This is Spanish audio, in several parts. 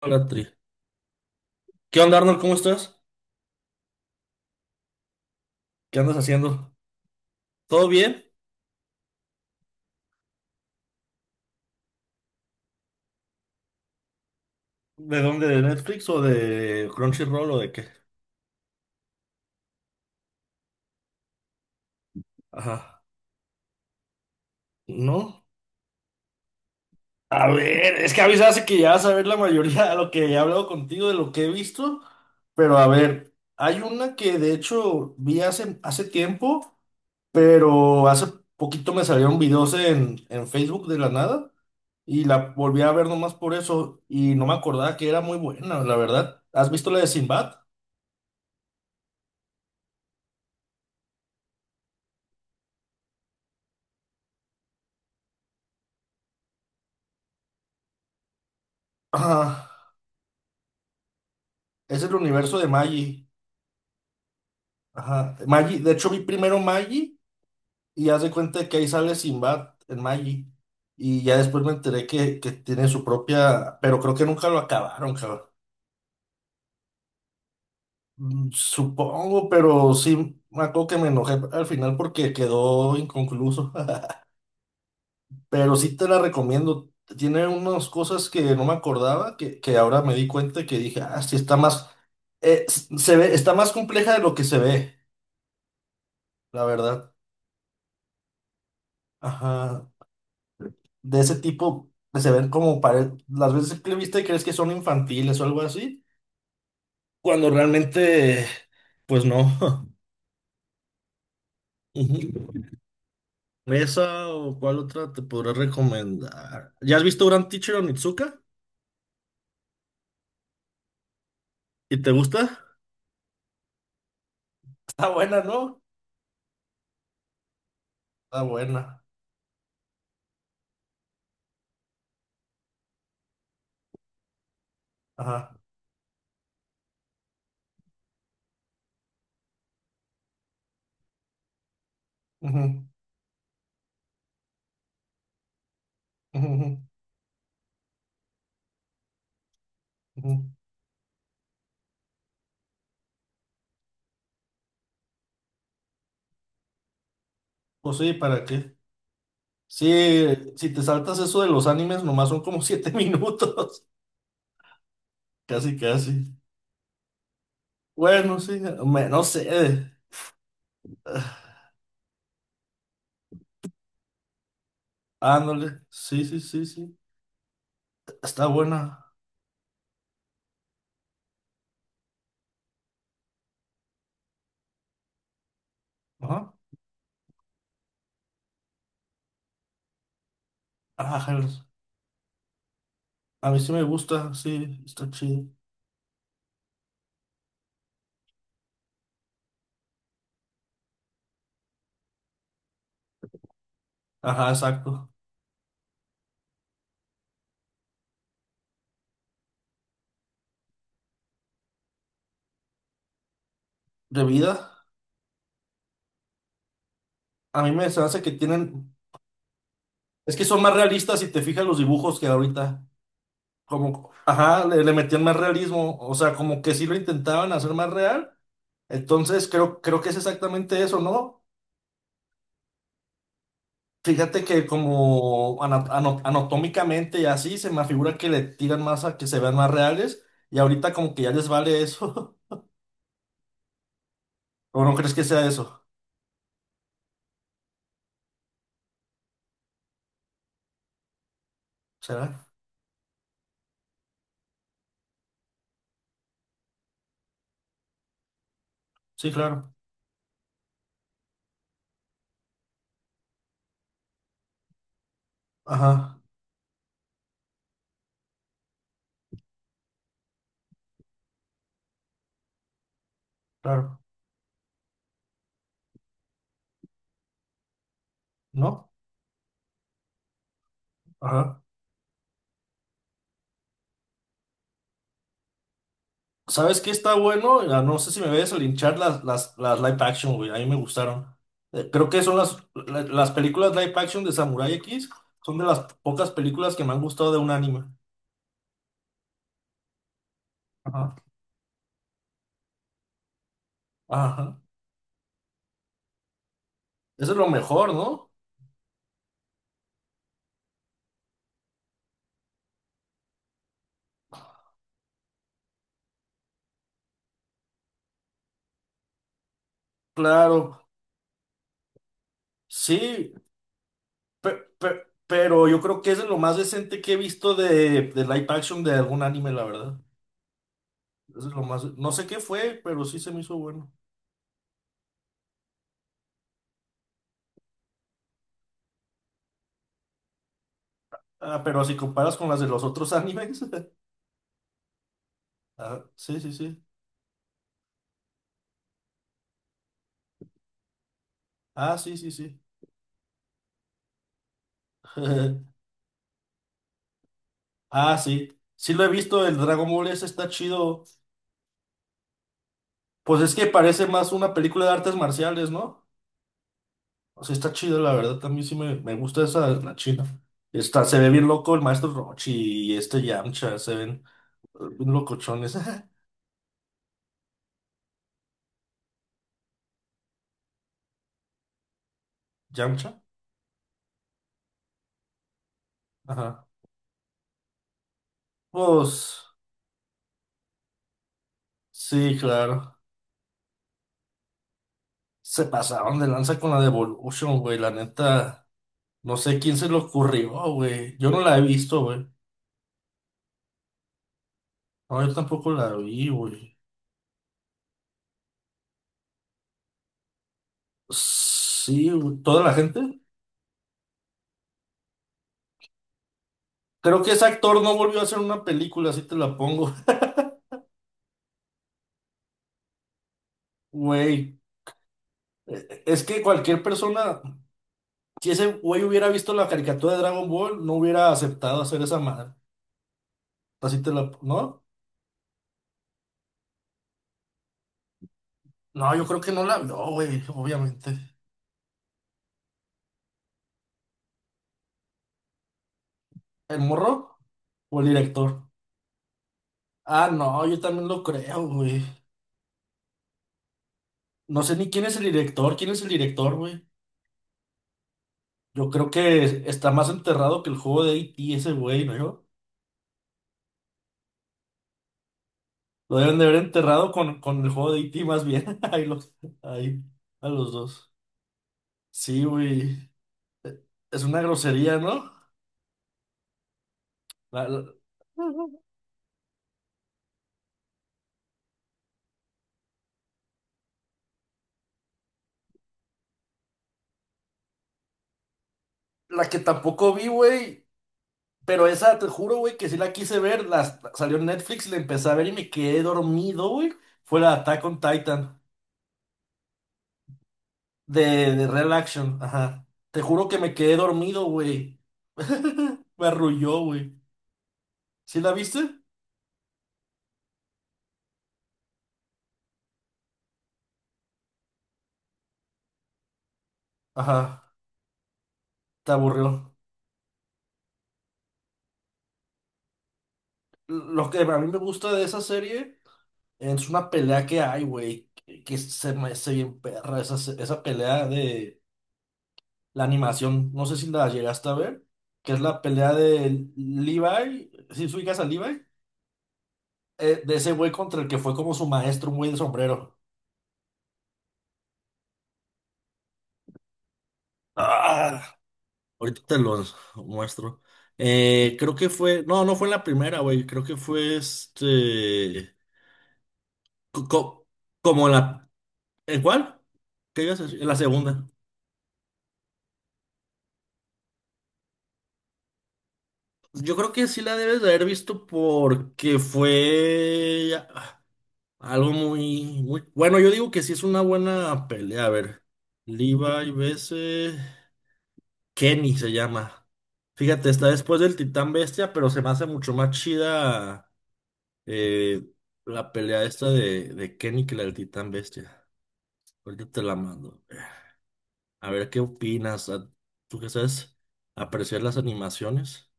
Hola, Tri. ¿Qué onda, Arnold? ¿Cómo estás? ¿Qué andas haciendo? ¿Todo bien? ¿De dónde? ¿De Netflix o de Crunchyroll o de qué? Ajá. ¿No? A ver, es que a mí se hace que ya vas a ver la mayoría de lo que he hablado contigo, de lo que he visto. Pero a ver, hay una que de hecho vi hace tiempo, pero hace poquito me salieron videos en Facebook de la nada y la volví a ver nomás por eso y no me acordaba que era muy buena, la verdad. ¿Has visto la de Sinbad? Ajá. Es el universo de Maggie. Ajá. Maggie, de hecho vi primero Maggie y haz de cuenta que ahí sale Sinbad en Maggie. Y ya después me enteré que tiene su propia, pero creo que nunca lo acabaron, cabrón. Supongo, pero sí, me acuerdo que me enojé al final porque quedó inconcluso. Pero sí te la recomiendo. Tiene unas cosas que no me acordaba, que ahora me di cuenta que dije, ah, sí está más, se ve, está más compleja de lo que se ve, la verdad. Ajá. De ese tipo que se ven como las veces que le viste crees que son infantiles o algo así, cuando realmente, pues no. Ujú. ¿Esa o cuál otra te podré recomendar? ¿Ya has visto Grand Teacher Onitsuka? ¿Y te gusta? Está buena, ¿no? Está buena. Ajá. Ujú, ujú, ujú, ujú. Pues sí, ¿para qué? Sí, si te saltas eso de los animes, nomás son como siete minutos. Casi, casi. Bueno, sí, no sé. Ándale, sí, sí, sí, sí. Está buena. Ajá. Ajá, a mí sí me gusta, sí, está chido. Ajá, exacto. ¿De vida? A mí me se hace que tienen. Es que son más realistas si te fijas los dibujos que ahorita. Como, ajá, le metían más realismo. O sea, como que sí lo intentaban hacer más real. Entonces creo que es exactamente eso, ¿no? Fíjate que como anatómicamente y así se me figura que le tiran más a que se vean más reales. Y ahorita como que ya les vale eso. ¿O no crees que sea eso? ¿Será? Sí, claro. Ajá, claro. ¿No? Ajá. ¿Sabes qué está bueno? Ah, no sé si me ves a linchar las live action, güey. A mí me gustaron. Creo que son las películas live action de Samurai X. Son de las pocas películas que me han gustado de un anime. Ajá. Ajá. Eso es lo mejor, ¿no? Claro. Sí. pe- pero yo creo que eso es lo más decente que he visto de live action de algún anime, la verdad. Eso es lo más. No sé qué fue, pero sí se me hizo bueno. Ah, pero si comparas con las de los otros animes. Ah, sí, sí, sí. Ah, sí, sí, sí. Ah, sí. Sí lo he visto, el Dragon Ball ese está chido. Pues es que parece más una película de artes marciales, ¿no? O sea, está chido, la verdad. También sí me gusta esa, la china. Está, se ve bien loco el maestro Rochi y este Yamcha. Se ven bien locochones. ¿Yamcha? Ajá. Pues sí, claro. Se pasaron de lanza con la de Evolution, güey, la neta. No sé quién se le ocurrió, güey. Yo no la he visto, güey. No, yo tampoco la vi, güey. Sí, güey. Toda la gente. Creo que ese actor no volvió a hacer una película, así te la pongo. Güey, es que cualquier persona, si ese güey hubiera visto la caricatura de Dragon Ball, no hubiera aceptado hacer esa madre. Así te la... ¿No? No, yo creo que no la vio, güey, obviamente. ¿El morro o el director? Ah, no, yo también lo creo, güey. No sé ni quién es el director, quién es el director, güey. Yo creo que está más enterrado que el juego de E.T. ese güey, ¿no? Lo deben de haber enterrado con el juego de E.T. más bien. Ahí los, ahí, a los dos. Sí, güey. Es una grosería, ¿no? La, la- la que tampoco vi, güey. Pero esa, te juro, güey, que sí la quise ver. Las salió en Netflix, la empecé a ver y me quedé dormido, güey. Fue la Attack on Titan de Real Action. Ajá. Te juro que me quedé dormido, güey. Me arrulló, güey. ¿Sí la viste? Ajá, te aburrió. Lo que a mí me gusta de esa serie es una pelea que hay, güey, que se me hace bien perra esa, esa pelea de la animación. No sé si la llegaste a ver, que es la pelea de Levi, si ¿sí ubicas a Levi, de ese güey contra el que fue como su maestro, un güey de sombrero. Ah, ahorita te los muestro. Creo que fue, no, no fue en la primera, güey, creo que fue este, co- co- como la... ¿En cuál? ¿Qué ibas a decir? En la segunda. Yo creo que sí la debes de haber visto porque fue algo muy, muy... Bueno, yo digo que sí es una buena pelea. A ver, Levi vs. Kenny se llama. Fíjate, está después del Titán Bestia, pero se me hace mucho más chida eh, la pelea esta de Kenny que la del Titán Bestia. Ahorita te la mando. A ver qué opinas. ¿Tú qué sabes? Apreciar las animaciones.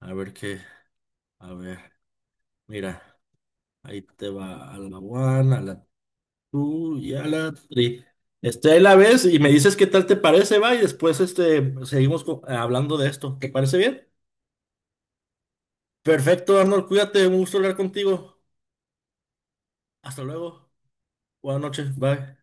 A ver qué. A ver, mira, ahí te va a la one, a la two y a la three. Este, ahí la ves y me dices qué tal te parece, va, y después este, seguimos hablando de esto. ¿Te parece bien? Perfecto, Arnold, cuídate, un gusto hablar contigo. Hasta luego. Buenas noches, bye.